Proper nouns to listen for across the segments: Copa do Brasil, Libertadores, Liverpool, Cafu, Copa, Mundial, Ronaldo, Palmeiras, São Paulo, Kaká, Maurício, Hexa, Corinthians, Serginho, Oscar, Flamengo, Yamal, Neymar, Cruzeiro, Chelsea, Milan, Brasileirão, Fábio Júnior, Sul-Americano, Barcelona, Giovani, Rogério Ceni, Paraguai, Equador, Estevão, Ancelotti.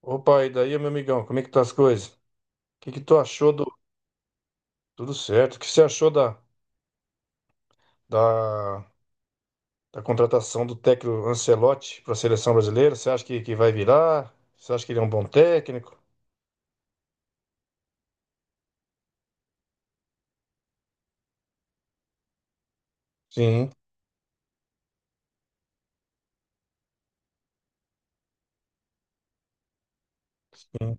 Opa, e daí, meu amigão, como é que tá as coisas? O que que tu achou do... Tudo certo. O que você achou da, da contratação do técnico Ancelotti para a seleção brasileira? Você acha que vai virar? Você acha que ele é um bom técnico? Sim, sim,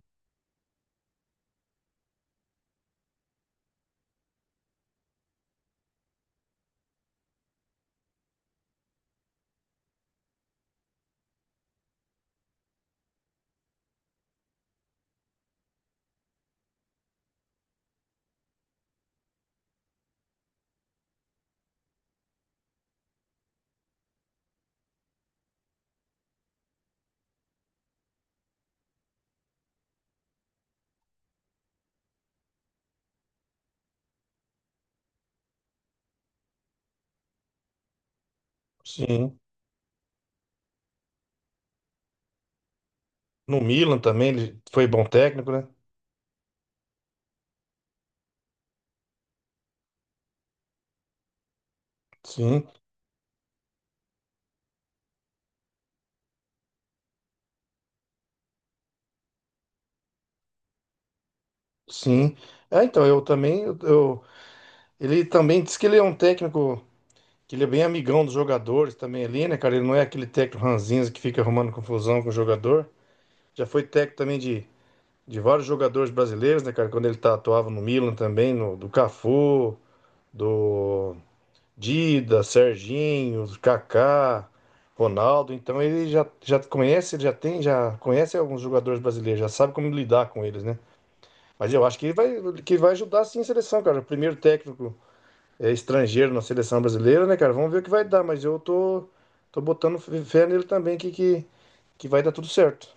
sim. No Milan também ele foi bom técnico, né? Sim, sim. É, então, eu também... ele também disse que ele é um técnico... Que ele é bem amigão dos jogadores também ali, né, cara? Ele não é aquele técnico ranzinza que fica arrumando confusão com o jogador. Já foi técnico também de vários jogadores brasileiros, né, cara? Quando ele tá, atuava no Milan também, no, do Cafu, do Dida, Serginho, Kaká, Ronaldo. Então ele já, já conhece, ele já tem, já conhece alguns jogadores brasileiros, já sabe como lidar com eles, né? Mas eu acho que ele vai, que vai ajudar sim a seleção, cara. O primeiro técnico é, estrangeiro na seleção brasileira, né, cara? Vamos ver o que vai dar, mas eu tô botando fé nele também que vai dar tudo certo.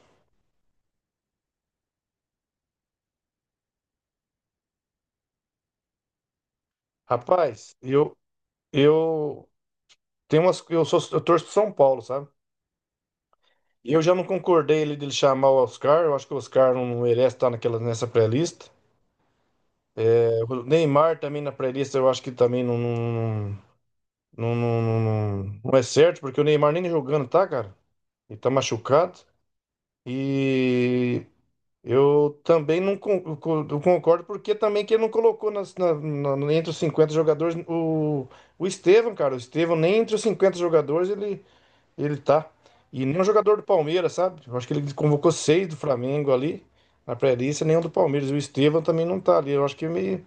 Rapaz, eu tem umas, eu sou, eu torço pro São Paulo, sabe? E eu já não concordei ele dele chamar o Oscar, eu acho que o Oscar não merece estar naquela, nessa pré-lista. É, o Neymar também na pré-lista, eu acho que também não, não, não, não é certo, porque o Neymar nem jogando tá, cara. Ele tá machucado. E eu também não, não concordo, porque também que ele não colocou entre os 50 jogadores o Estevão, cara. O Estevão nem entre os 50 jogadores ele, ele tá. E nenhum jogador do Palmeiras, sabe? Eu acho que ele convocou seis do Flamengo ali na pré-lista, nenhum do Palmeiras. O Estevão também não tá ali. Eu acho que é meio,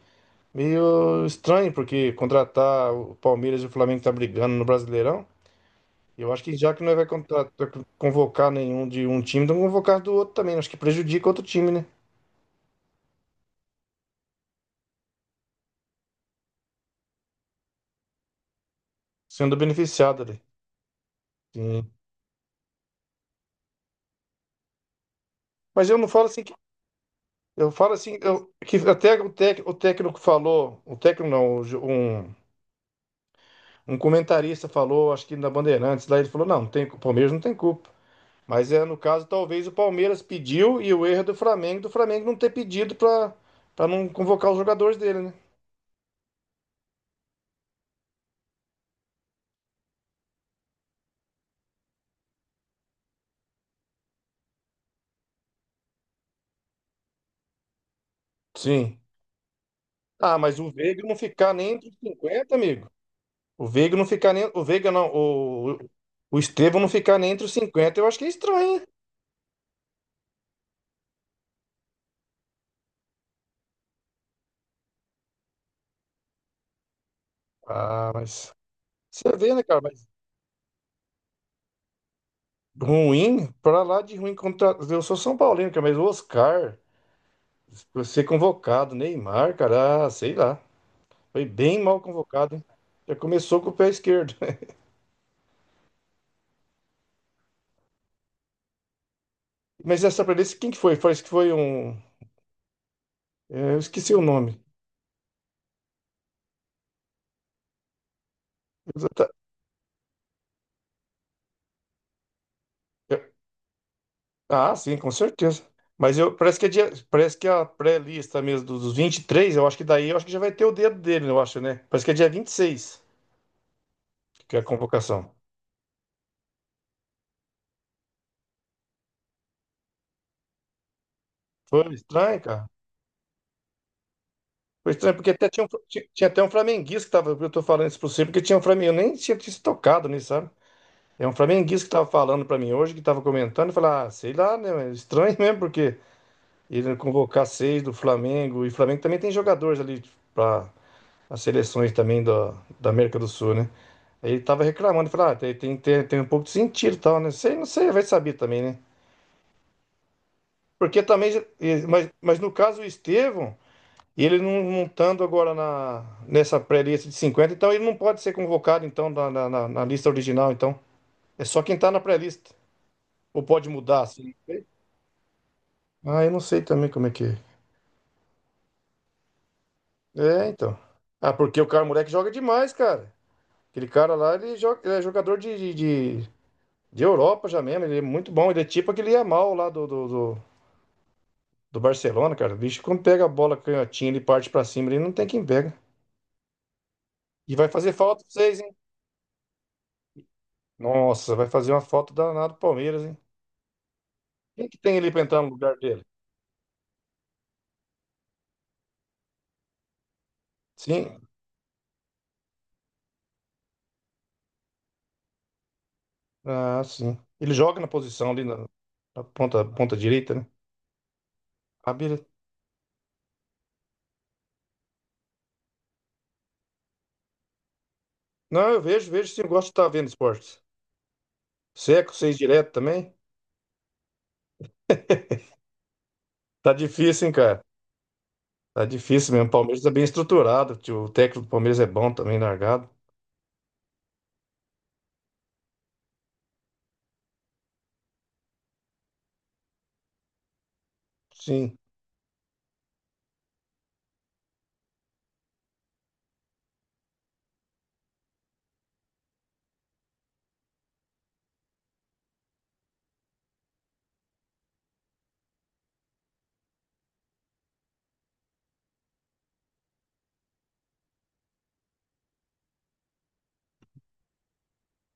meio estranho, porque contratar o Palmeiras e o Flamengo que tá brigando no Brasileirão. Eu acho que já que não vai contratar, convocar nenhum de um time, então convocar do outro também. Acho que prejudica outro time, né? Sendo beneficiado ali. Sim. Mas eu não falo assim que. Eu falo assim, eu, que até o, tec, o técnico falou, o técnico não, o um comentarista falou, acho que na Bandeirantes, lá ele falou: não, não tem, o Palmeiras não tem culpa. Mas é, no caso, talvez o Palmeiras pediu e o erro é do Flamengo não ter pedido pra não convocar os jogadores dele, né? Sim. Ah, mas o Veiga não ficar nem entre os 50, amigo. O Veiga não ficar nem. O Veiga não. O Estevão não ficar nem entre os 50, eu acho que é estranho, hein? Ah, mas. Você vê, né, cara? Mas ruim, pra lá de ruim contra. Eu sou São Paulino, cara, mas o Oscar. Pra ser convocado, Neymar, cara, ah, sei lá. Foi bem mal convocado, hein? Já começou com o pé esquerdo. Mas essa preferência, quem que foi? Parece que foi um. É, eu esqueci o nome. Exata- eu- Ah, sim, com certeza. Mas eu, parece que é parece que é a pré-lista mesmo dos 23, eu acho que daí eu acho que já vai ter o dedo dele, eu acho, né? Parece que é dia 26, que é a convocação. Foi estranho, cara. Foi estranho, porque até tinha, um, tinha, tinha até um flamenguista que tava. Eu tô falando isso pra você, porque tinha um flamenguista. Eu nem tinha, tinha se tocado nisso, sabe? É um flamenguista que estava falando para mim hoje, que estava comentando, e falar, ah, sei lá, né? Mas estranho mesmo, porque ele convocar seis do Flamengo, e o Flamengo também tem jogadores ali para as seleções também da América do Sul, né? Aí ele tava reclamando, falando, ah, tem um pouco de sentido e tal, né? Sei, não sei, vai saber também, né? Porque também, mas no caso o Estevão, ele não, não estando agora na, nessa pré-lista de 50 então ele não pode ser convocado, então, na lista original, então. É só quem tá na pré-lista. Ou pode mudar, assim. Ah, eu não sei também como é que é. É, então. Ah, porque o cara, o moleque joga demais, cara. Aquele cara lá, ele, joga, ele é jogador de, de Europa já mesmo. Ele é muito bom. Ele é tipo aquele Yamal lá do, do Barcelona, cara. O bicho, quando pega a bola canhotinha, ele parte pra cima, ele não tem quem pega. E vai fazer falta pra vocês, hein? Nossa, vai fazer uma falta danada pro Palmeiras, hein? Quem que tem ali pra entrar no lugar dele? Sim. Ah, sim. Ele joga na posição ali na, na ponta, ponta direita, né? Ah, beleza. Não, eu vejo, vejo sim, eu gosto de estar vendo esportes. Você é com seis direto também? Tá difícil, hein, cara? Tá difícil mesmo. O Palmeiras é bem estruturado. Tio. O técnico do Palmeiras é bom também, largado. Sim,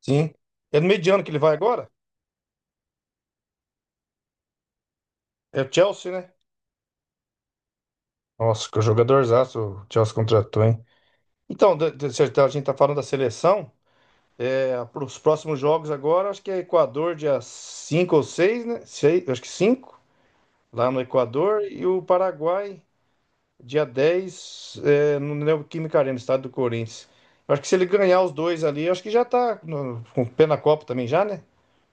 sim. É no meio de ano que ele vai agora? É o Chelsea, né? Nossa, que jogadorzaço o Chelsea contratou, hein? Então, se a gente tá falando da seleção, é, para os próximos jogos agora, acho que é Equador dia 5 ou 6, né? Sei, acho que 5, lá no Equador, e o Paraguai dia 10, é, no Neoquímica Arena, estado do Corinthians. Eu acho que se ele ganhar os dois ali, eu acho que já tá com o pé na Copa também já, né?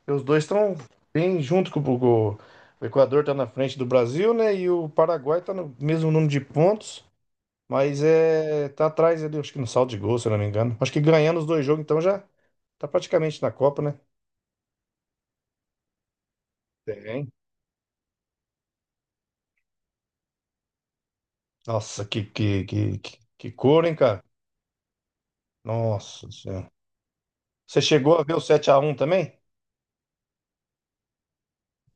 Porque os dois estão bem junto com o Equador tá na frente do Brasil, né? E o Paraguai tá no mesmo número de pontos, mas é tá atrás ali, acho que no saldo de gol, se eu não me engano. Acho que ganhando os dois jogos, então já tá praticamente na Copa, né? Tem. Nossa, que cor, hein, cara? Nossa do céu. Você chegou a ver o sete a um também?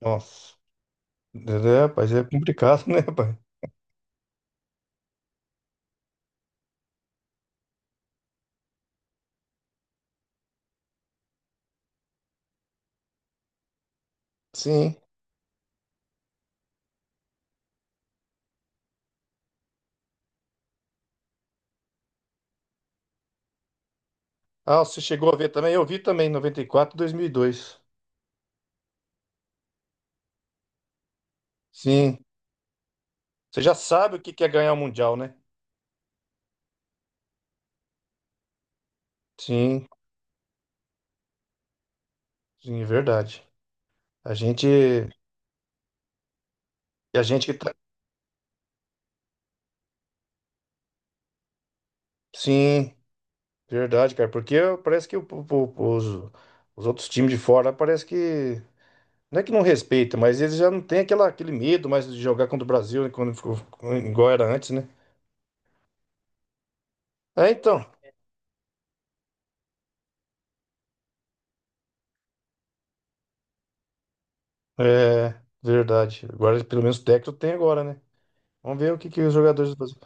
Nossa. É, rapaz, é complicado, né, rapaz? Sim. Ah, você chegou a ver também? Eu vi também, 94, 2002. Sim. Você já sabe o que que é ganhar o Mundial, né? Sim, sim, verdade. A gente, e a gente que tá... Sim, verdade, cara. Porque parece que os outros times de fora parece que... Não é que não respeita, mas eles já não têm aquela, aquele medo mais de jogar contra o Brasil, né, quando ficou, igual era antes, né? É, então. É, verdade. Agora, pelo menos o técnico tem agora, né? Vamos ver o que, que os jogadores do Brasil.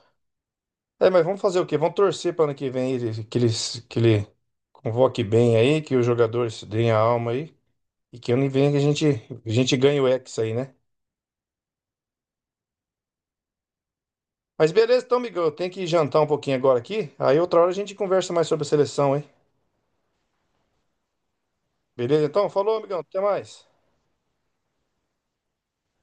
É, mas vamos fazer o quê? Vamos torcer para ano que vem que ele convoque bem aí, que os jogadores deem a alma aí. E que ano que vem a gente ganhe o Hexa aí, né? Mas beleza, então, amigão, eu tenho que jantar um pouquinho agora aqui. Aí outra hora a gente conversa mais sobre a seleção, hein? Beleza? Então, falou, amigão, até mais.